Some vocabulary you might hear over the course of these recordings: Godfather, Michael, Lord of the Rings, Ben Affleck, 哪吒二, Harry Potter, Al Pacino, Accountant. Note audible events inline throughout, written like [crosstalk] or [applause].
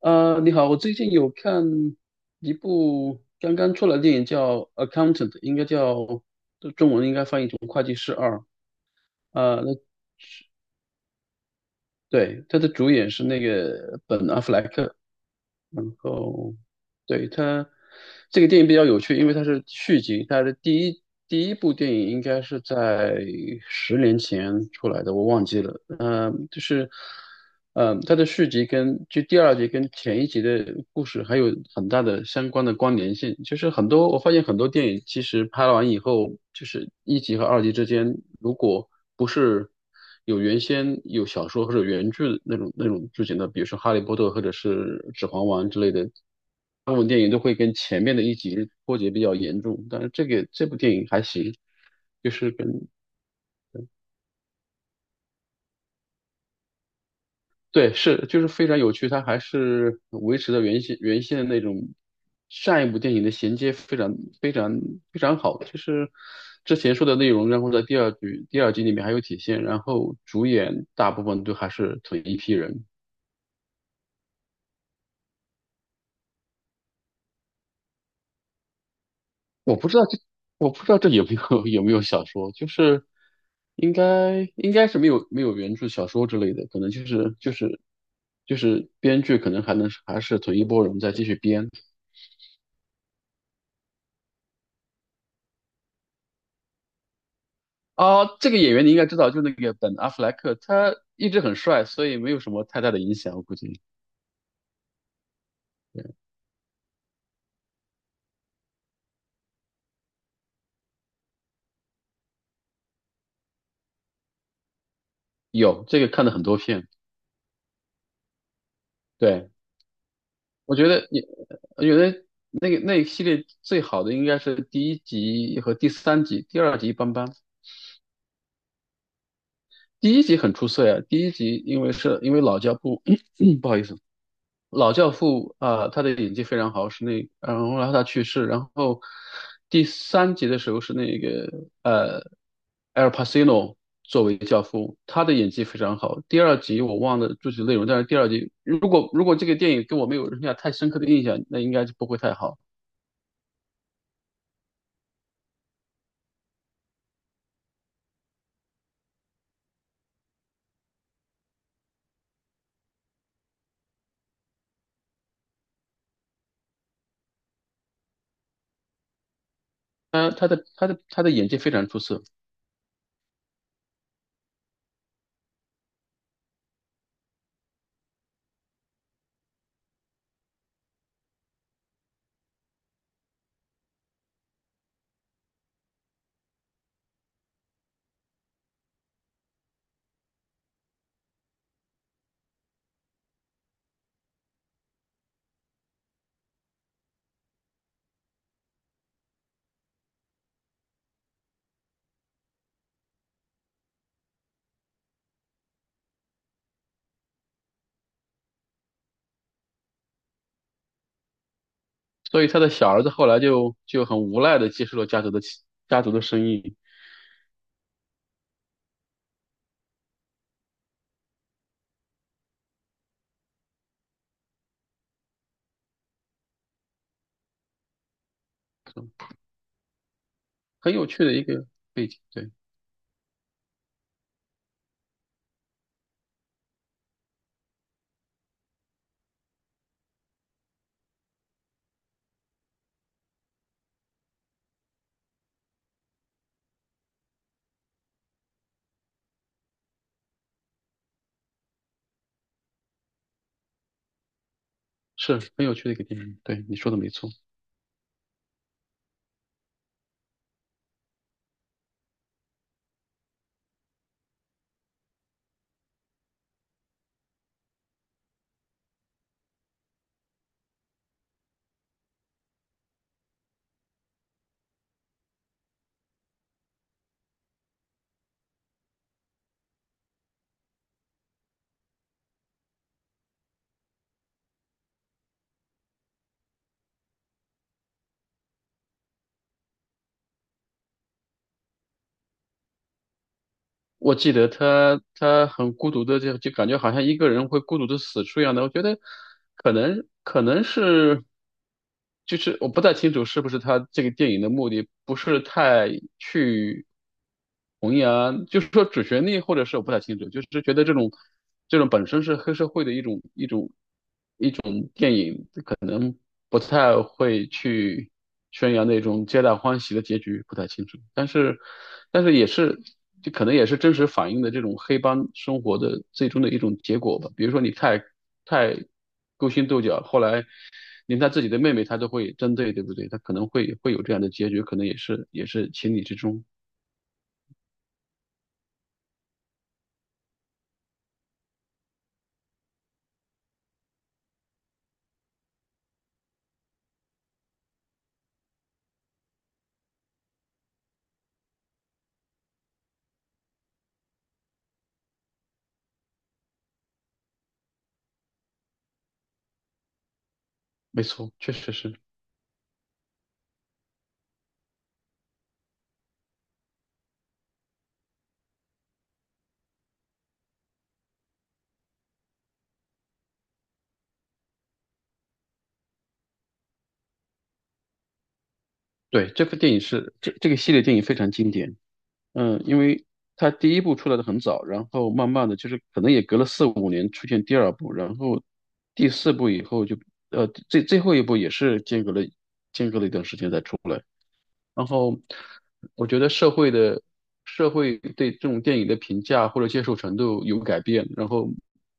你好，我最近有看一部刚刚出来的电影叫《Accountant》，应该叫中文应该翻译成《会计师二》。呃，那对，他的主演是那个本·阿弗莱克，然后对，这个电影比较有趣，因为它是续集，它的第一部电影应该是在10年前出来的，我忘记了。它的续集跟第二集跟前一集的故事还有很大的相关的关联性。就是很多我发现很多电影其实拍完以后，就是一集和二集之间，如果不是有原先有小说或者原著那种剧情的，比如说《哈利波特》或者是《指环王》之类的，部分电影都会跟前面的一集脱节比较严重，但是这部电影还行，就是跟对就是非常有趣，它还是维持了原先的那种上一部电影的衔接非常非常好，就是之前说的内容，然后在第二集里面还有体现，然后主演大部分都还是同一批人。我不知道这，我不知道这有没有 [laughs] 有没有小说，就是应该是没有原著小说之类的，可能就是编剧可能还是同一波人再继续编。啊。这个演员你应该知道，就那个本阿弗莱克，他一直很帅，所以没有什么太大的影响，我估计有这个看了很多片。对，我觉得你，我觉得那一系列最好的应该是第一集和第三集，第二集一般般。第一集很出色呀，第一集因为老教父，[clears throat] 不好意思，老教父啊、他的演技非常好，然后他去世，然后第三集的时候是那个呃 Al Pacino 作为教父，他的演技非常好。第二集我忘了具体内容，但是第二集如果这个电影给我没有留下太深刻的印象，那应该就不会太好。他的演技非常出色，所以他的小儿子后来就很无奈的接受了家族的生意。很有趣的一个背景，对，是很有趣的一个电影，对，你说的没错。我记得他很孤独的，就感觉好像一个人会孤独的死去一样的。我觉得可能是，就是我不太清楚是不是他这个电影的目的不是太去弘扬，就是说主旋律，或者是我不太清楚，就是觉得这种本身是黑社会的一种。不太会去宣扬那种皆大欢喜的结局，不太清楚。但是，但是也是，就可能也是真实反映的这种黑帮生活的最终的一种结果吧。比如说你太勾心斗角，后来连他自己的妹妹他都会针对，对不对？他可能会会有这样的结局，可能也是也是情理之中。没错，确实是。对，这部电影这个系列电影非常经典。嗯，因为它第一部出来的很早，然后慢慢的就是可能也隔了4、5年出现第二部，然后第四部以后就最后一部也是间隔了一段时间才出来。然后我觉得社会对这种电影的评价或者接受程度有改变，然后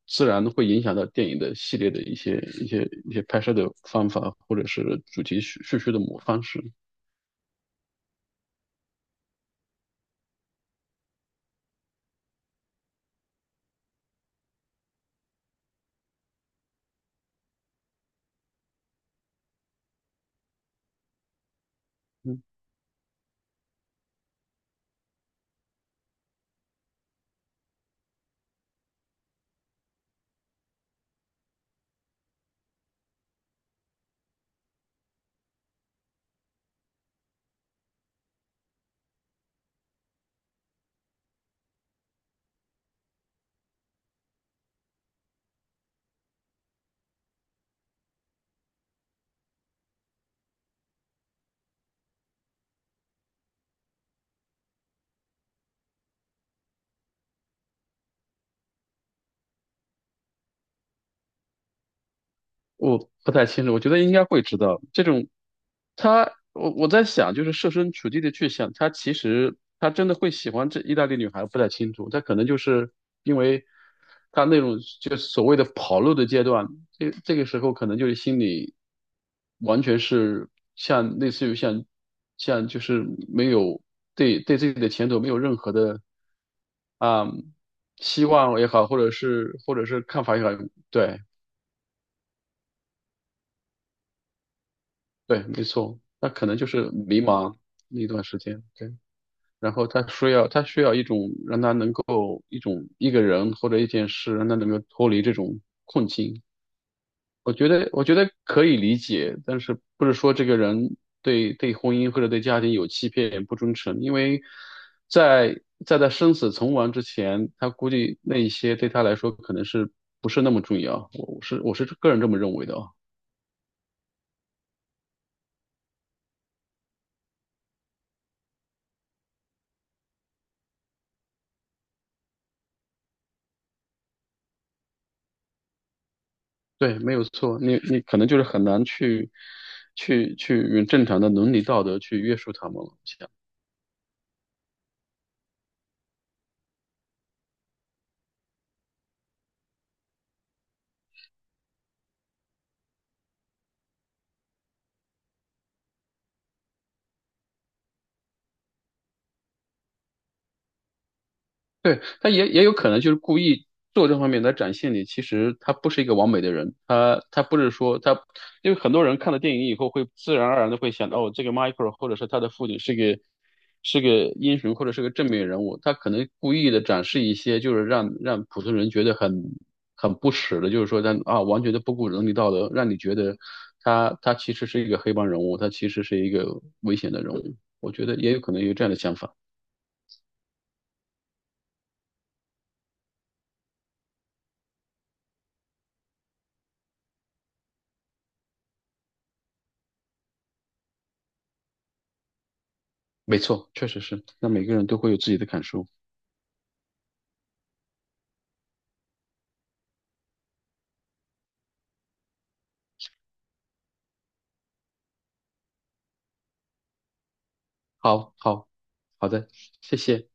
自然会影响到电影的系列的一些拍摄的方法或者是主题叙事的方式。嗯我不太清楚，我觉得应该会知道这种。我在想，就是设身处地的去想，他其实他真的会喜欢这意大利女孩，不太清楚。他可能就是因为他那种就所谓的跑路的阶段，这个时候可能就是心里完全是像类似于像像就是没有对自己的前途没有任何的啊、希望也好，或者是看法也好，对。对，没错，他可能就是迷茫那一段时间，对，然后他需要一种让他能够一种一个人或者一件事让他能够脱离这种困境。我觉得可以理解，但是不是说这个人对婚姻或者对家庭有欺骗不忠诚，因为在在他生死存亡之前，他估计那一些对他来说可能是不是那么重要。我是个人这么认为的啊。对，没有错，你可能就是很难去用正常的伦理道德去约束他们了。对，他也也有可能就是故意做这方面来展现你，其实他不是一个完美的人，他他不是说他，因为很多人看了电影以后会自然而然的会想，哦，这个 Michael 或者是他的父亲是个英雄或者是个正面人物，他可能故意的展示一些就是让普通人觉得很不耻的，就是说完全的不顾伦理道德，让你觉得他其实是一个黑帮人物，他其实是一个危险的人物，我觉得也有可能有这样的想法。没错，确实是。那每个人都会有自己的感受。好，好，好的，谢谢。